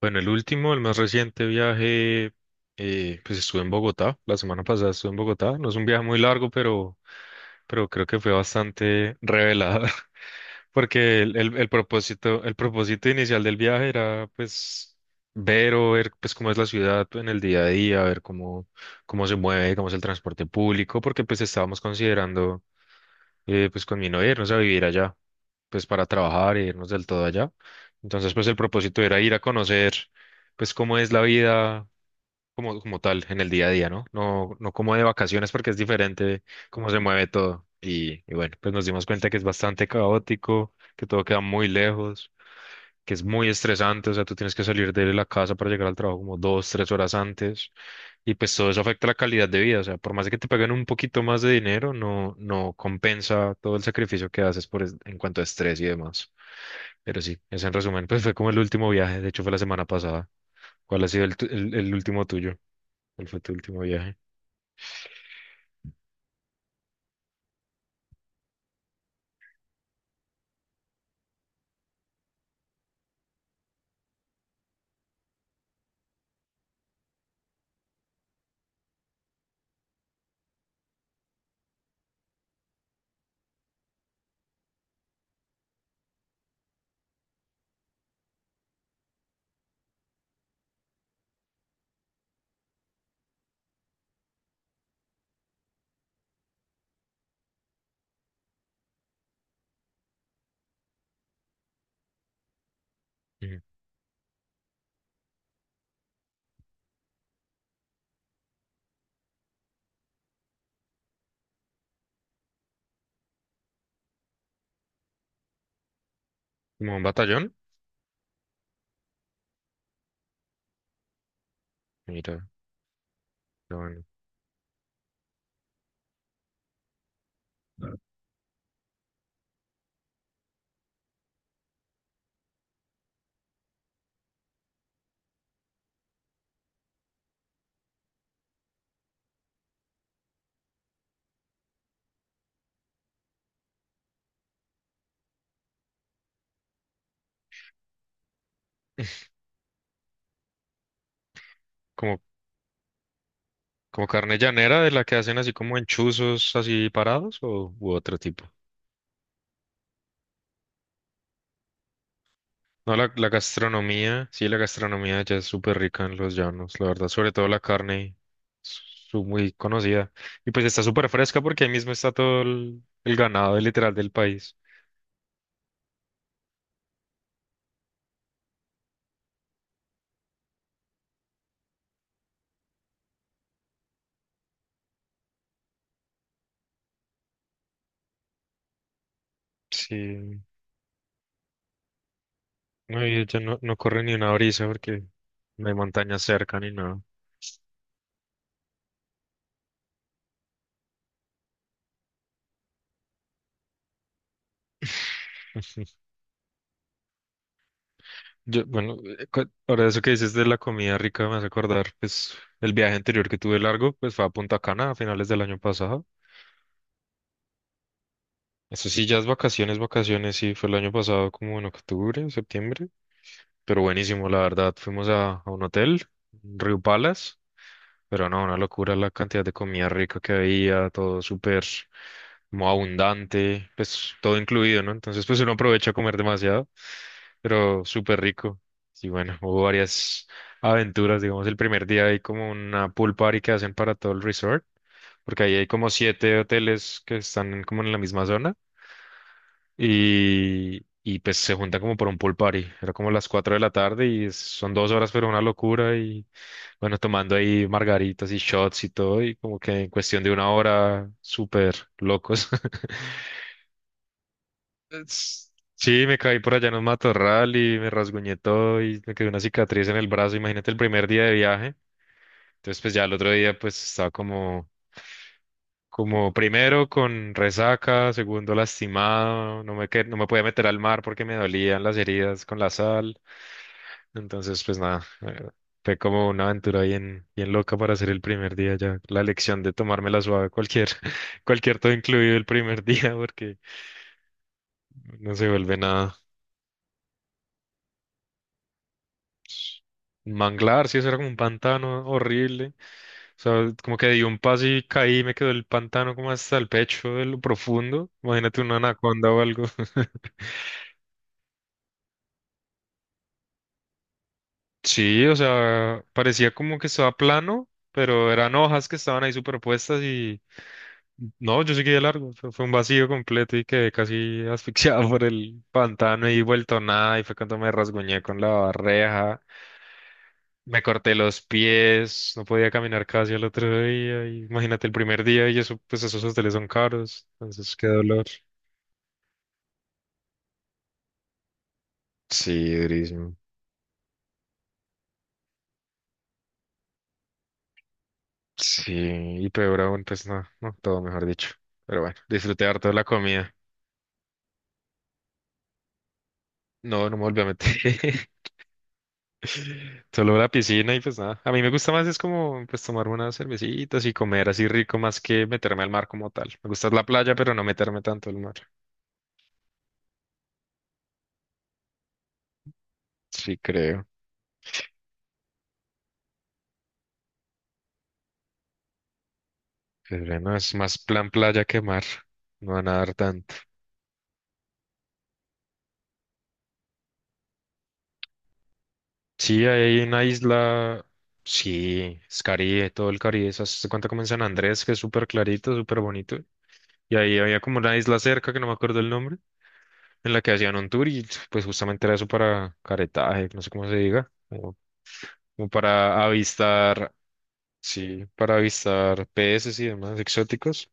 Bueno, el último, el más reciente viaje, pues estuve en Bogotá, la semana pasada estuve en Bogotá. No es un viaje muy largo, pero creo que fue bastante revelador, porque el propósito, el propósito inicial del viaje era pues ver pues cómo es la ciudad en el día a día, ver cómo se mueve, cómo es el transporte público, porque pues estábamos considerando pues con mi novia irnos a vivir allá, pues para trabajar e irnos del todo allá. Entonces, pues el propósito era ir a conocer, pues cómo es la vida como tal en el día a día, ¿no? No, no como de vacaciones porque es diferente cómo se mueve todo. Y bueno, pues nos dimos cuenta que es bastante caótico, que todo queda muy lejos, que es muy estresante. O sea, tú tienes que salir de la casa para llegar al trabajo como 2, 3 horas antes, y pues todo eso afecta la calidad de vida. O sea, por más de que te paguen un poquito más de dinero, no, no compensa todo el sacrificio que haces en cuanto a estrés y demás. Pero sí, ese en resumen, pues fue como el último viaje, de hecho fue la semana pasada. ¿Cuál ha sido el último tuyo? ¿Cuál fue tu último viaje? Ujú. ¿Como un batallón? Mira, no, bueno. Claro. Como como carne llanera de la que hacen así como enchuzos así parados o u otro tipo. No, la gastronomía, sí, la gastronomía ya es súper rica en los llanos, la verdad, sobre todo la carne, muy conocida. Y pues está súper fresca porque ahí mismo está todo el ganado literal del país. Sí, no, y ya no, no corre ni una brisa porque no hay montaña cerca ni nada. Yo, bueno, ahora eso que dices de la comida rica me hace acordar, pues el viaje anterior que tuve largo, pues fue a Punta Cana a finales del año pasado. Eso sí, ya es vacaciones, vacaciones, sí, fue el año pasado como en octubre, septiembre, pero buenísimo, la verdad. Fuimos a un hotel, Río Palace. Pero no, una locura la cantidad de comida rica que había, todo súper como abundante, pues todo incluido, ¿no? Entonces, pues uno aprovecha a comer demasiado, pero súper rico. Y bueno, hubo varias aventuras. Digamos, el primer día hay como una pool party que hacen para todo el resort porque ahí hay como siete hoteles que están como en la misma zona, y pues se juntan como por un pool party. Era como las 4 de la tarde y son 2 horas, pero una locura. Y bueno, tomando ahí margaritas y shots y todo, y como que en cuestión de una hora, súper locos. Es- Sí, me caí por allá en un matorral y me rasguñé todo y me quedó una cicatriz en el brazo. Imagínate el primer día de viaje. Entonces, pues ya el otro día, pues estaba como, como primero con resaca, segundo lastimado, no me podía meter al mar porque me dolían las heridas con la sal. Entonces, pues nada, fue como una aventura bien, bien loca para hacer el primer día ya. La lección de tomármela suave cualquier, cualquier todo incluido el primer día porque no se vuelve nada. Un manglar, sí, eso era como un pantano horrible. O sea, como que di un paso y caí, me quedó el pantano como hasta el pecho de lo profundo. Imagínate una anaconda o algo. Sí, o sea, parecía como que estaba plano, pero eran hojas que estaban ahí superpuestas y no, yo seguí de largo. O sea, fue un vacío completo y quedé casi asfixiado por el pantano y vuelto nada. Y fue cuando me rasguñé con la reja. Me corté los pies, no podía caminar casi al otro día. Y imagínate el primer día y eso, pues esos hoteles son caros, entonces qué dolor. Sí, durísimo. Sí, y peor aún, pues no, no, todo mejor dicho. Pero bueno, disfruté harto de la comida. No, no me volví a meter. Solo la piscina y pues nada. A mí me gusta más es como pues tomar unas cervecitas y comer así rico más que meterme al mar como tal. Me gusta la playa, pero no meterme tanto al mar. Sí, creo. Pues bueno, es más plan playa que mar, no van a nadar tanto. Sí, hay una isla, sí, es Caribe, todo el Caribe, esas- se cuenta como en San Andrés, que es súper clarito, súper bonito. Y ahí había como una isla cerca, que no me acuerdo el nombre, en la que hacían un tour y pues justamente era eso para caretaje, no sé cómo se diga, como, como para avistar, sí, para avistar peces y demás exóticos.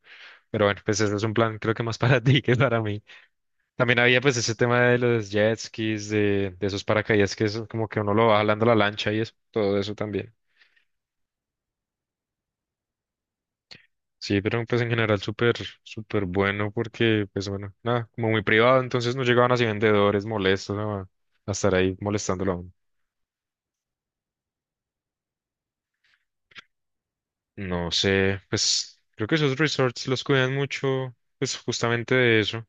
Pero bueno, pues ese es un plan creo que más para ti que para mí. También había pues ese tema de los jet skis, de esos paracaídas que es como que uno lo va jalando la lancha y eso, todo eso también. Sí, pero pues en general súper, súper bueno porque pues bueno, nada, como muy privado, entonces no llegaban así vendedores molestos, ¿no? a estar ahí molestándolo a uno. No sé, pues creo que esos resorts los cuidan mucho, pues justamente de eso.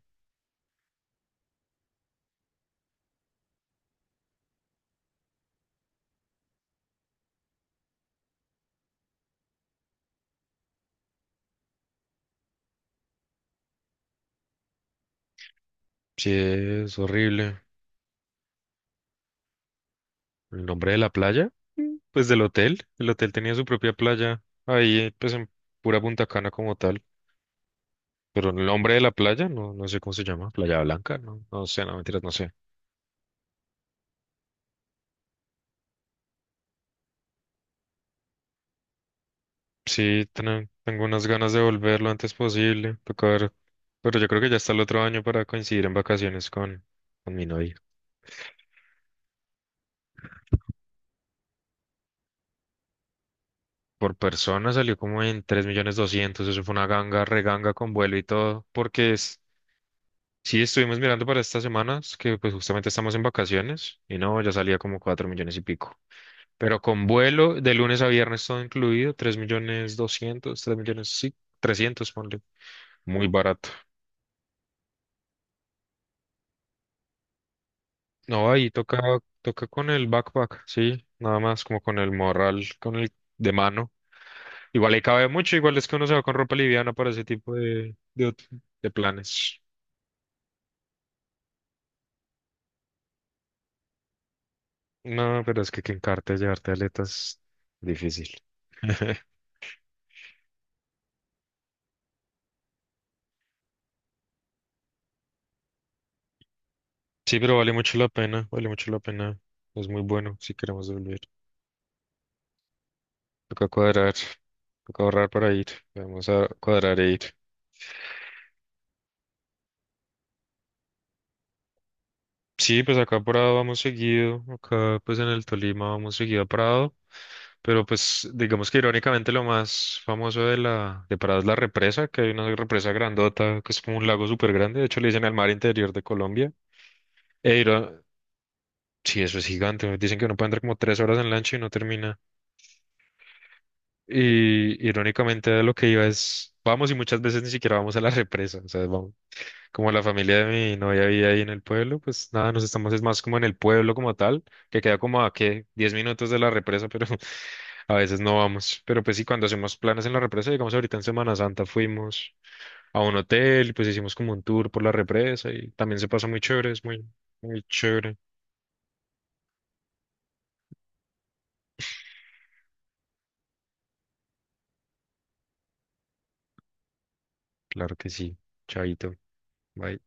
Sí, es horrible. ¿El nombre de la playa? Mm, pues del hotel. El hotel tenía su propia playa ahí pues en pura Punta Cana como tal. Pero el hombre de la playa, no, no sé cómo se llama, Playa Blanca, no, no sé, no mentiras, no sé. Sí, tengo unas ganas de volver lo antes posible, toca ver, pero yo creo que ya está el otro año para coincidir en vacaciones con mi novia. Por persona salió como en 3.200.000, eso fue una ganga, reganga con vuelo y todo, porque es, sí estuvimos mirando para estas semanas, que pues justamente estamos en vacaciones, y no, ya salía como 4 millones y pico. Pero con vuelo de lunes a viernes todo incluido, 3.200.000, 3 millones, sí, 300 ponle. Muy barato. No, ahí toca, toca con el backpack, sí, nada más como con el morral, con el de mano. Igual ahí cabe mucho, igual es que uno se va con ropa liviana para ese tipo de planes. No, pero es que encarte llevarte aletas, difícil. Sí, pero vale mucho la pena, vale mucho la pena. Es muy bueno si queremos volver. Toca cuadrar, toca ahorrar para ir. Vamos a cuadrar e ir. Sí, pues acá a Prado vamos seguido. Acá, pues en el Tolima vamos seguido a Prado. Pero pues digamos que irónicamente lo más famoso de Prado es la represa, que hay una represa grandota que es como un lago súper grande. De hecho le dicen el mar interior de Colombia. E iró- sí, eso es gigante. Dicen que uno puede andar como 3 horas en lancha y no termina. Y irónicamente a lo que iba es, vamos y muchas veces ni siquiera vamos a la represa. O sea, vamos. Como la familia de mi novia vive ahí en el pueblo, pues nada, nos estamos es más como en el pueblo como tal, que queda como a qué, 10 minutos de la represa, pero a veces no vamos. Pero pues sí, cuando hacemos planes en la represa, digamos ahorita en Semana Santa fuimos a un hotel y pues hicimos como un tour por la represa y también se pasó muy chévere, es muy, muy chévere. Claro que sí, chaito, bye.